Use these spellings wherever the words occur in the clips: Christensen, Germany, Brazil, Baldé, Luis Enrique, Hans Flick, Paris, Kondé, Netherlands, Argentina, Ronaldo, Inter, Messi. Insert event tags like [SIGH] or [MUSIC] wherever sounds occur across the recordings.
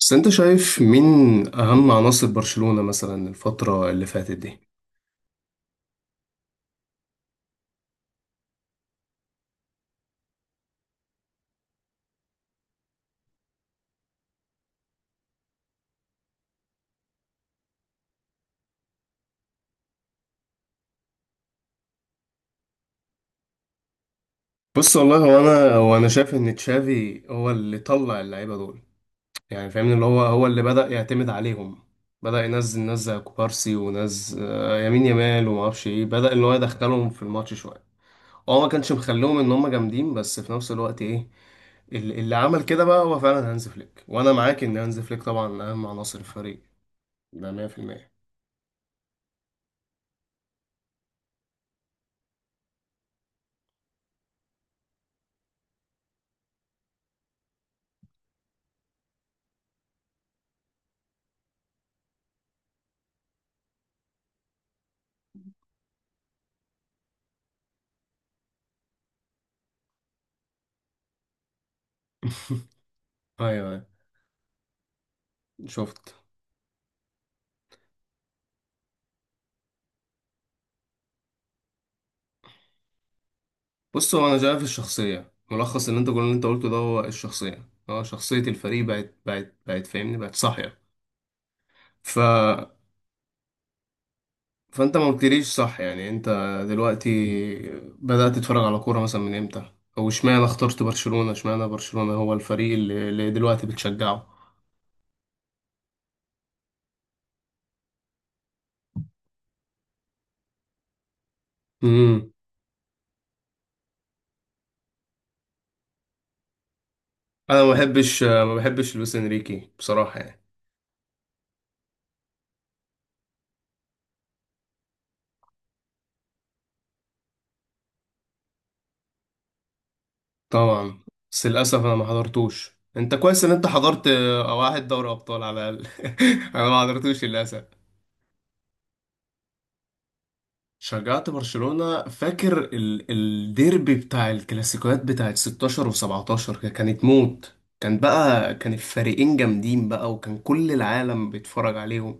بس انت شايف مين اهم عناصر برشلونة مثلا الفترة اللي فاتت دي. بص والله، هو انا هو انا شايف ان تشافي هو اللي طلع اللعيبة دول، يعني فاهمني، اللي هو اللي بدأ يعتمد عليهم، بدأ ينزل ناس زي كوبارسي وناس يمين يمال وما اعرفش ايه، بدأ ان هو يدخلهم في الماتش شوية. هو ما كانش مخليهم ان هم جامدين، بس في نفس الوقت ايه، اللي عمل كده بقى هو فعلا هانز فليك، وانا معاك ان هانز فليك طبعا اهم عناصر الفريق. ده 100%. [LAUGHS] ايوه، أيوة، شفت. بص، هو انا شايف الشخصيه، ملخص اللي انت كل اللي انت قلته ده هو الشخصيه، اه، شخصيه الفريق بقت فاهمني، بقت صاحيه. ف فانت ما قلتليش صح يعني، انت دلوقتي بدات تتفرج على كوره مثلا من امتى؟ او اشمعنى اخترت برشلونه؟ اشمعنى برشلونه هو الفريق اللي دلوقتي بتشجعه؟ امم. انا ما بحبش لويس انريكي بصراحه يعني. طبعا. بس للاسف انا ما حضرتوش، انت كويس ان انت حضرت واحد دوري ابطال على الاقل. [LAUGHS] انا ما حضرتوش للاسف. شجعت برشلونة فاكر الديربي بتاع الكلاسيكوات بتاعت 16 و17، كانت موت، كان بقى كان الفريقين جامدين بقى، وكان كل العالم بيتفرج عليهم.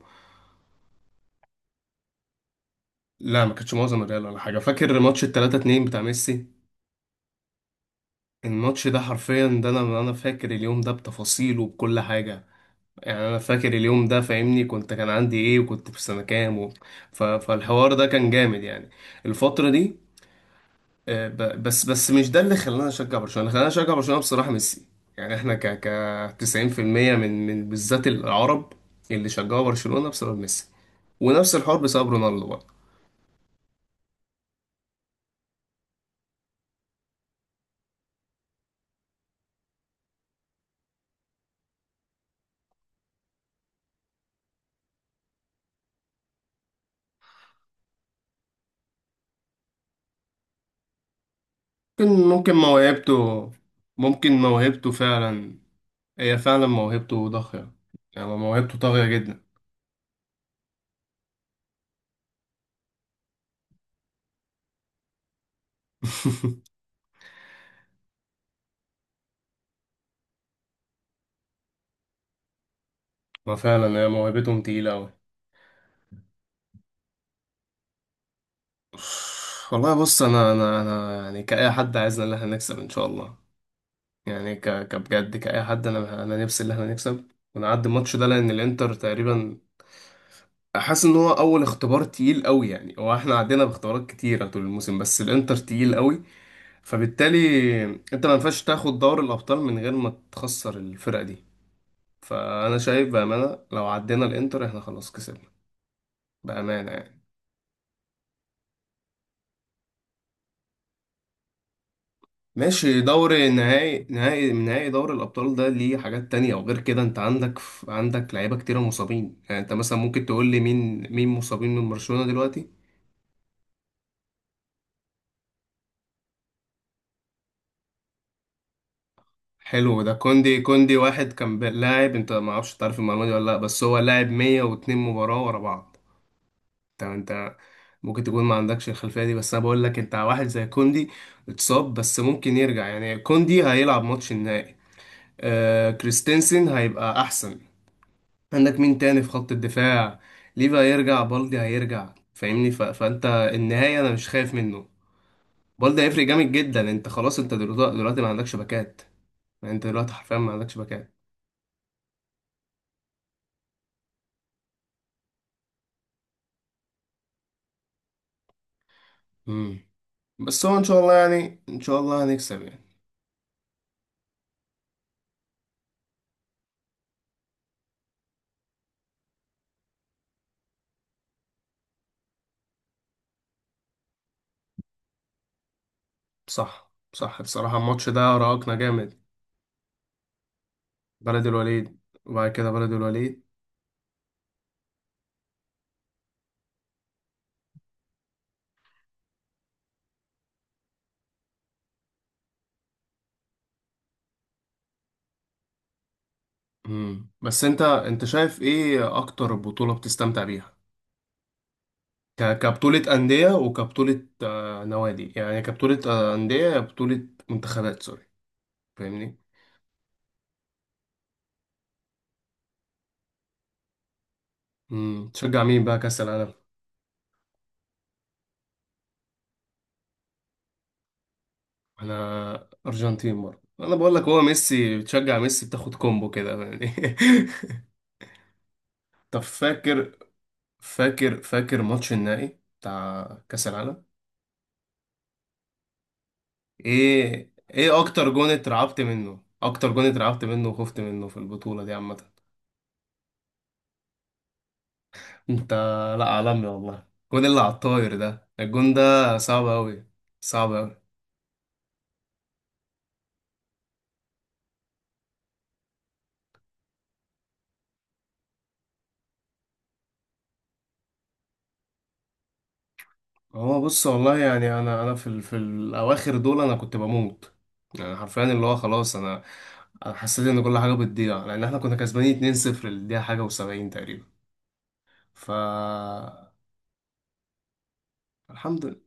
لا ما كانتش معظم الريال ولا حاجة، فاكر ماتش ال 3-2 بتاع ميسي، الماتش ده حرفيا ده، انا فاكر اليوم ده بتفاصيله، بكل حاجة يعني. انا فاكر اليوم ده فاهمني، كنت كان عندي ايه، وكنت في سنة كام فالحوار ده كان جامد يعني. الفترة دي، بس مش ده اللي خلانا نشجع برشلونة، اللي خلانا نشجع برشلونة بصراحة ميسي. يعني احنا ك ك 90% من بالذات العرب اللي شجعوا برشلونة بسبب ميسي، ونفس الحوار بسبب رونالدو برضه. ممكن موهبته، ممكن موهبته فعلا، هي فعلا موهبته ضاغية، يعني موهبته طاغية جدا. [LAUGHS] ما فعلا هي موهبتهم تقيلة أوي. والله بص، أنا يعني كأي حد عايزنا إن احنا نكسب إن شاء الله، يعني كبجد كأي حد، أنا نفسي إن إحنا نكسب ونعدي الماتش ده، لأن الإنتر تقريبا حاسس إن هو أول اختبار تقيل قوي يعني. هو إحنا عدينا باختبارات كتيرة طول الموسم، بس الإنتر تقيل قوي، فبالتالي أنت ما ينفعش تاخد دوري الأبطال من غير ما تخسر الفرقة دي. فأنا شايف بأمانة لو عدينا الإنتر إحنا خلاص كسبنا بأمانة يعني. ماشي، دوري نهائي دوري الأبطال ده ليه حاجات تانية، وغير كده أنت عندك لعيبة كتيرة مصابين، يعني أنت مثلا ممكن تقول لي مين مين مصابين من برشلونة دلوقتي؟ حلو، ده كوندي، كوندي واحد كان لاعب، أنت ما أعرفش تعرف المعلومة دي ولا لأ، بس هو لاعب 102 مباراة ورا بعض. أنت أنت ممكن تكون ما عندكش الخلفية دي، بس أنا بقول لك أنت واحد زي كوندي اتصاب بس ممكن يرجع، يعني كوندي هيلعب ماتش النهائي، آه كريستنسن هيبقى أحسن. عندك مين تاني في خط الدفاع؟ ليفا هيرجع، بالدي هيرجع، فاهمني، فانت النهاية انا مش خايف منه. بالدي هيفرق جامد جدا، انت خلاص انت دلوقتي ما عندكش باكات، يعني انت دلوقتي حرفيا ما عندكش باكات. امم. بس هو ان شاء الله يعني، ان شاء الله هنكسب يعني. صح صح، بصراحة الماتش ده راهقنا جامد. بلد الوليد، وبعد كده بلد الوليد. امم، بس انت شايف ايه اكتر بطولة بتستمتع بيها؟ كبطولة أندية، وكبطولة نوادي، يعني كبطولة أندية، بطولة منتخبات سوري، فاهمني. مم. تشجع مين بقى كأس العالم؟ أنا أرجنتين برضه، أنا بقول لك هو ميسي، بتشجع ميسي بتاخد كومبو كده يعني. [LAUGHS] طب فاكر، فاكر ماتش النهائي بتاع كأس العالم؟ إيه إيه أكتر جون اترعبت منه، أكتر جون اترعبت منه وخفت منه في البطولة دي عامة؟ انت، لا، عالمي والله، الجون اللي على الطاير ده، الجون ده صعب قوي، صعب قوي. هو بص، والله يعني انا انا في في الاواخر دول انا كنت بموت، يعني حرفيا اللي هو خلاص انا حسيت ان كل حاجه بتضيع، لان احنا كنا كسبانين 2-0 للدقيقه حاجه و70 تقريبا، ف الحمد لله.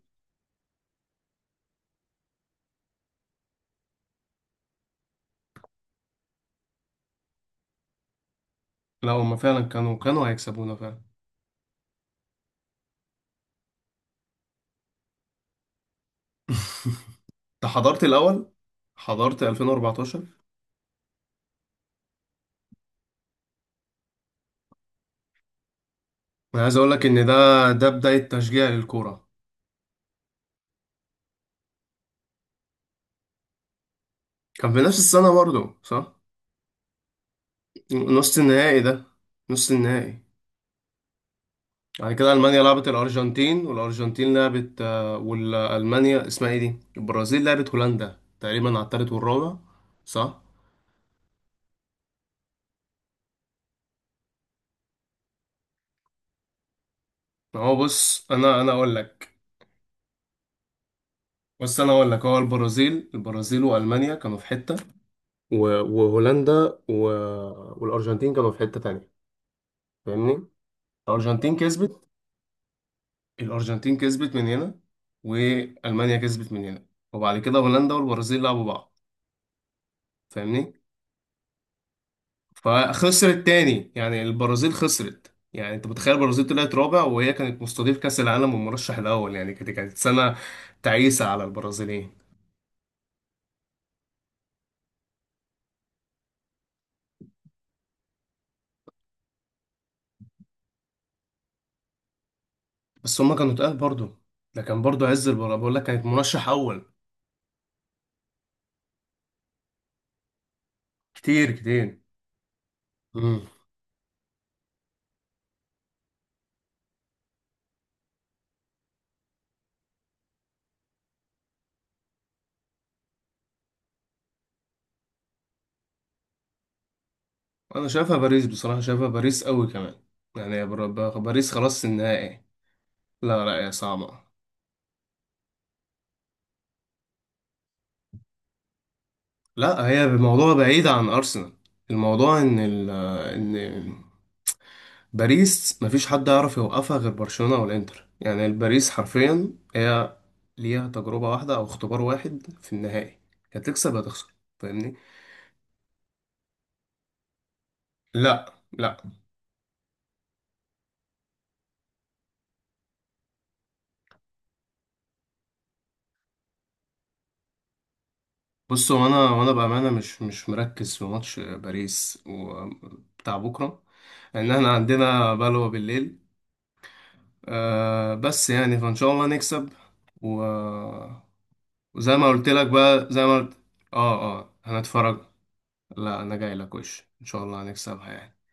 لا هما فعلا كانوا هيكسبونا فعلا. [LAUGHS] انت حضرت الاول، حضرت 2014. انا عايز اقول لك ان ده، ده بدايه تشجيع للكوره. كان في نفس السنه برضو صح، نص النهائي ده، نص النهائي. بعد كده ألمانيا لعبت الأرجنتين، والأرجنتين لعبت والألمانيا اسمها ايه دي، البرازيل لعبت هولندا تقريبا على التالت والرابع. صح. هو بص أنا أنا أقول لك بص أنا أقول لك، هو البرازيل وألمانيا كانوا في حتة، وهولندا والأرجنتين كانوا في حتة تانية، فاهمني. الأرجنتين كسبت، الأرجنتين كسبت من هنا، وألمانيا كسبت من هنا، وبعد كده هولندا والبرازيل لعبوا بعض، فاهمني. فخسرت تاني يعني، البرازيل خسرت، يعني انت متخيل البرازيل طلعت رابع وهي كانت مستضيف كأس العالم والمرشح الأول، يعني كانت سنة تعيسة على البرازيليين. بس هما كانوا تقال برضه، ده كان برضه عز البرازيل بقول لك، كانت مرشح أول، كتير كتير. امم. انا شايفها باريس بصراحة، شايفها باريس قوي كمان، يعني باريس خلاص النهائي. لا لا، يا صعبة. لا هي الموضوع بعيد عن أرسنال، الموضوع ان باريس مفيش حد يعرف يوقفها غير برشلونة او الانتر، يعني الباريس حرفيا هي ليها تجربة واحدة او اختبار واحد في النهائي، يا تكسب يا تخسر، فاهمني. لا لا. بص هو انا، وانا بامانه مش مركز في ماتش باريس وبتاع بكره، لان احنا عندنا بلوه بالليل. أه بس يعني فان شاء الله نكسب و... وزي ما قلت لك بقى، زي ما قلت، اه اه هنتفرج. لا انا جاي لك وش، ان شاء الله هنكسبها يعني.